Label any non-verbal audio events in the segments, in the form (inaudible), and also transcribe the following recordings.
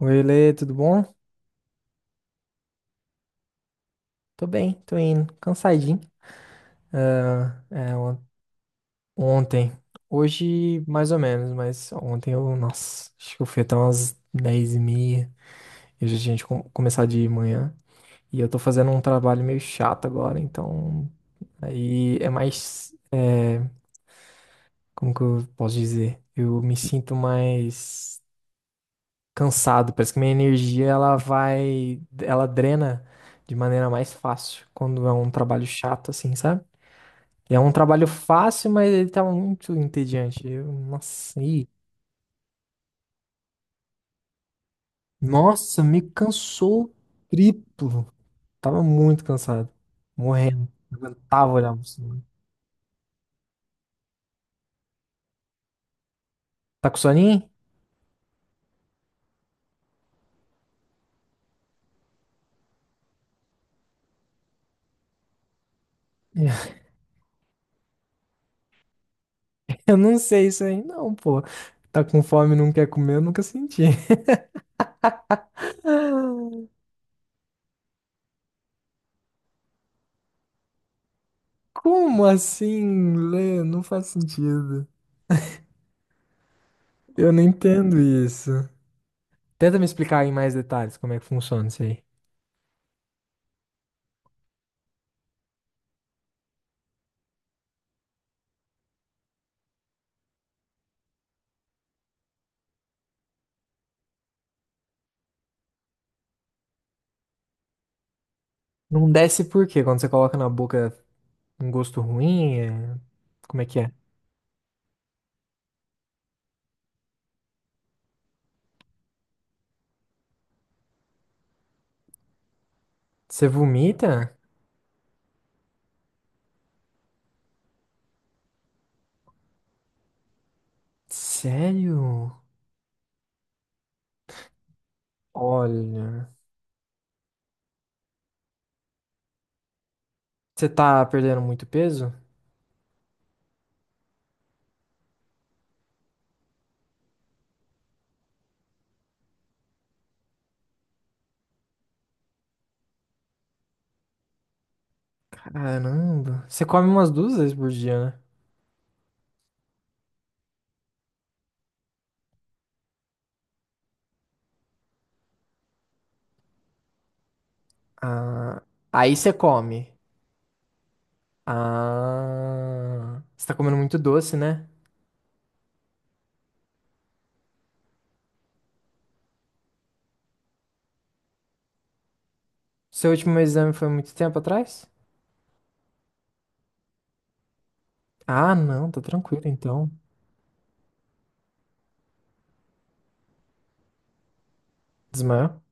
Oi, Lê, tudo bom? Tô bem, tô indo. Cansadinho. Ah, é, on- Ontem. Hoje, mais ou menos, mas ontem eu, nossa, acho que eu fui até umas 10:30. Eu já tinha de começar de manhã. E eu tô fazendo um trabalho meio chato agora, então. Aí é mais. É, Como que eu posso dizer? Eu me sinto mais cansado. Parece que minha energia, ela vai. Ela drena de maneira mais fácil quando é um trabalho chato, assim, sabe? É um trabalho fácil, mas ele tava muito entediante. Nossa, me cansou triplo. Tava muito cansado, morrendo. Não aguentava olhar pro cima. Tá com soninho? (laughs) Eu não sei isso aí, não, pô. Tá com fome e não quer comer, eu nunca senti. (laughs) Ah, Como assim, Lê? Não faz sentido. Eu não entendo isso. Tenta me explicar em mais detalhes como é que funciona isso aí. Não desce por quê? Quando você coloca na boca um gosto ruim? Como é que é? Você vomita? Sério? Olha. Você tá perdendo muito peso? Caramba. Você come umas duas vezes por dia, né? Ah, aí você come. Ah, você tá comendo muito doce, né? Seu último exame foi muito tempo atrás? Ah, não, tá tranquilo então. Desmaiou?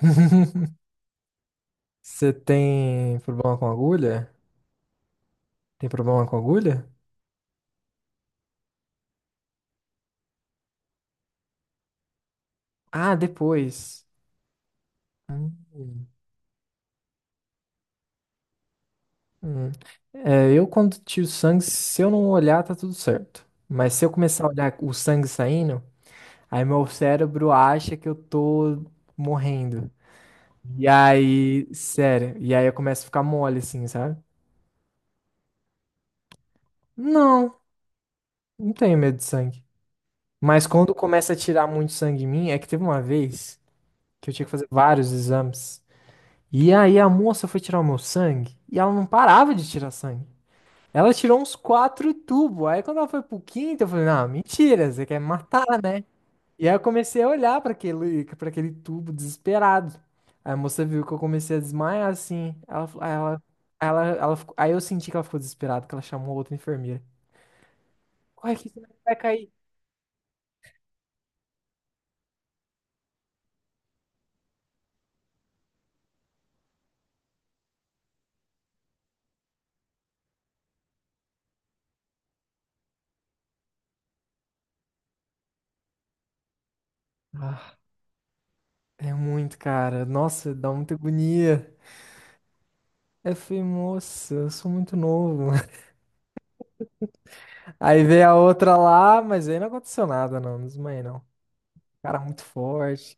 (laughs) Você tem problema com agulha? Tem problema com agulha? Ah, depois. Hum. Hum. É, eu quando tiro sangue, se eu não olhar, tá tudo certo. Mas se eu começar a olhar o sangue saindo, aí meu cérebro acha que eu tô morrendo. E aí, sério, e aí eu começo a ficar mole assim, sabe? Não, não tenho medo de sangue. Mas quando começa a tirar muito sangue em mim, é que teve uma vez que eu tinha que fazer vários exames. E aí a moça foi tirar o meu sangue e ela não parava de tirar sangue. Ela tirou uns quatro tubos. Aí quando ela foi pro quinto, eu falei, não, mentira, você quer me matar, né? E aí eu comecei a olhar pra aquele tubo desesperado. Aí a moça viu que eu comecei a desmaiar assim. Ela, fa- aí ela ficou- Aí eu senti que ela ficou desesperada, que ela chamou outra enfermeira. Corre que você vai cair. Ah, é muito, cara. Nossa, dá muita agonia. Aí eu falei, moça, eu sou muito novo. (laughs) Aí veio a outra lá, mas aí não aconteceu nada, não. Não desmaiei, não. Cara muito forte.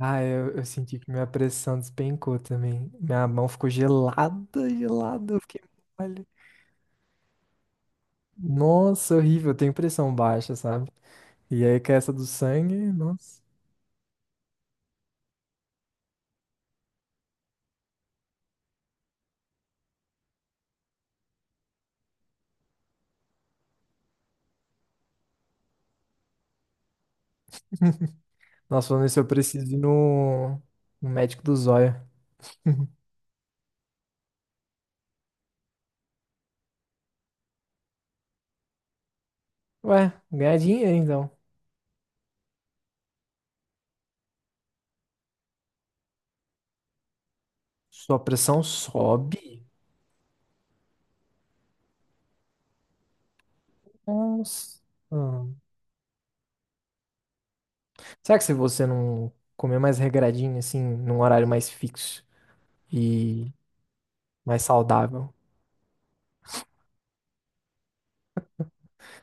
Ah, eu senti que minha pressão despencou também. Minha mão ficou gelada, gelada. Eu fiquei mole. Nossa, horrível. Eu tenho pressão baixa, sabe? E aí com essa do sangue, nossa. Nossa, falando isso, eu preciso ir no, no médico do zóio. (laughs) Ué, ganhar dinheiro então. Sua pressão sobe? Nossa. Será que se você não comer mais regradinho, assim, num horário mais fixo e mais saudável,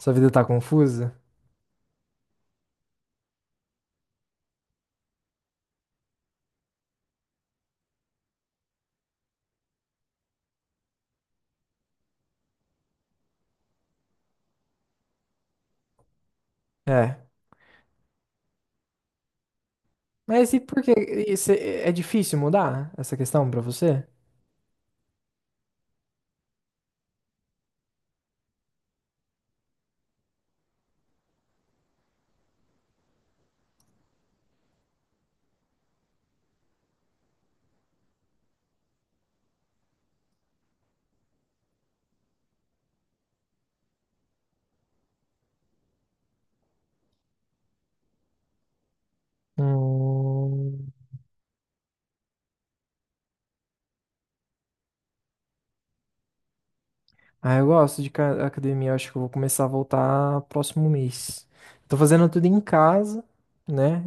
sua vida tá confusa? É. Mas e por que isso é difícil mudar essa questão pra você? Hum. Ah, eu gosto de academia, eu acho que eu vou começar a voltar próximo mês. Tô fazendo tudo em casa, né?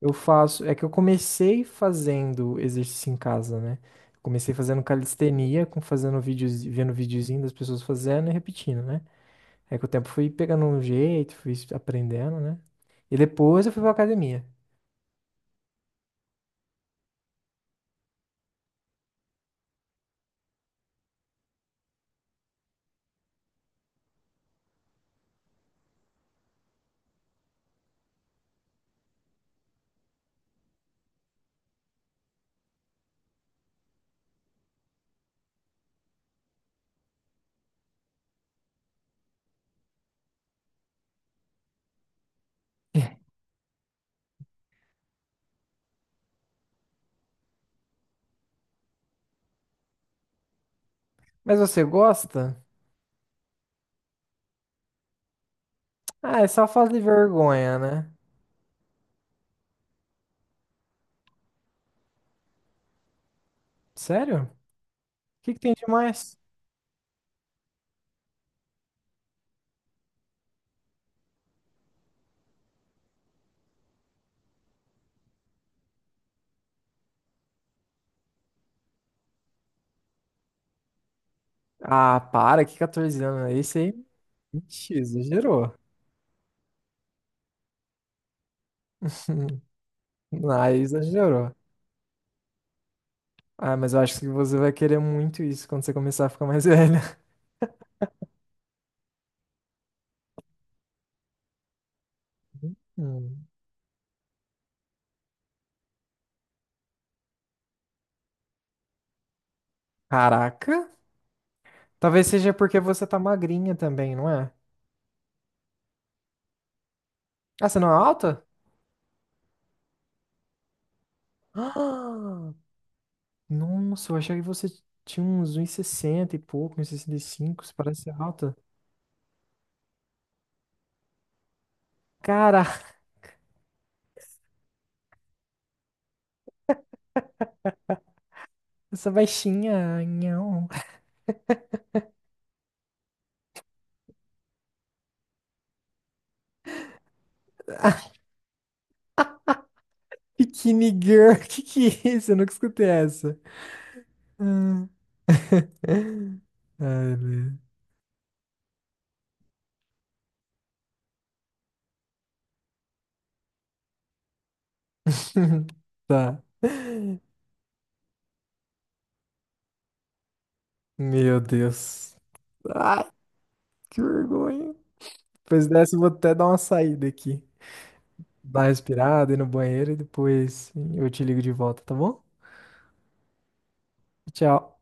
Eu faço, é que eu comecei fazendo exercício em casa, né? Comecei fazendo calistenia, com fazendo vídeos, vendo videozinho das pessoas fazendo e repetindo, né? É que o tempo fui pegando um jeito, fui aprendendo, né? E depois eu fui pra academia. (laughs) Mas você gosta? Ah, é só fazer vergonha, né? Sério? O que que tem de mais? Ah, para, que 14 anos é esse aí? Ixi, exagerou. (laughs) Ah, exagerou. Ah, mas eu acho que você vai querer muito isso quando você começar a ficar mais velha. (laughs) Hum. Caraca. Talvez seja porque você tá magrinha também, não é? Ah, você não é alta? (gasps) Ah, nossa, eu achei que você tinha uns 1,60 e sessenta e pouco, um 1,65. Você parece ser alta. Cara, (laughs) essa baixinha, não. (laughs) Bikini Girl, (laughs) que é isso? Eu nunca escutei essa. Hum. Ai, meu. (laughs) Tá. Meu Deus. Ai, que vergonha. Depois dessa, eu vou até dar uma saída aqui. Dar uma respirada, ir no banheiro e depois eu te ligo de volta, tá bom? Tchau.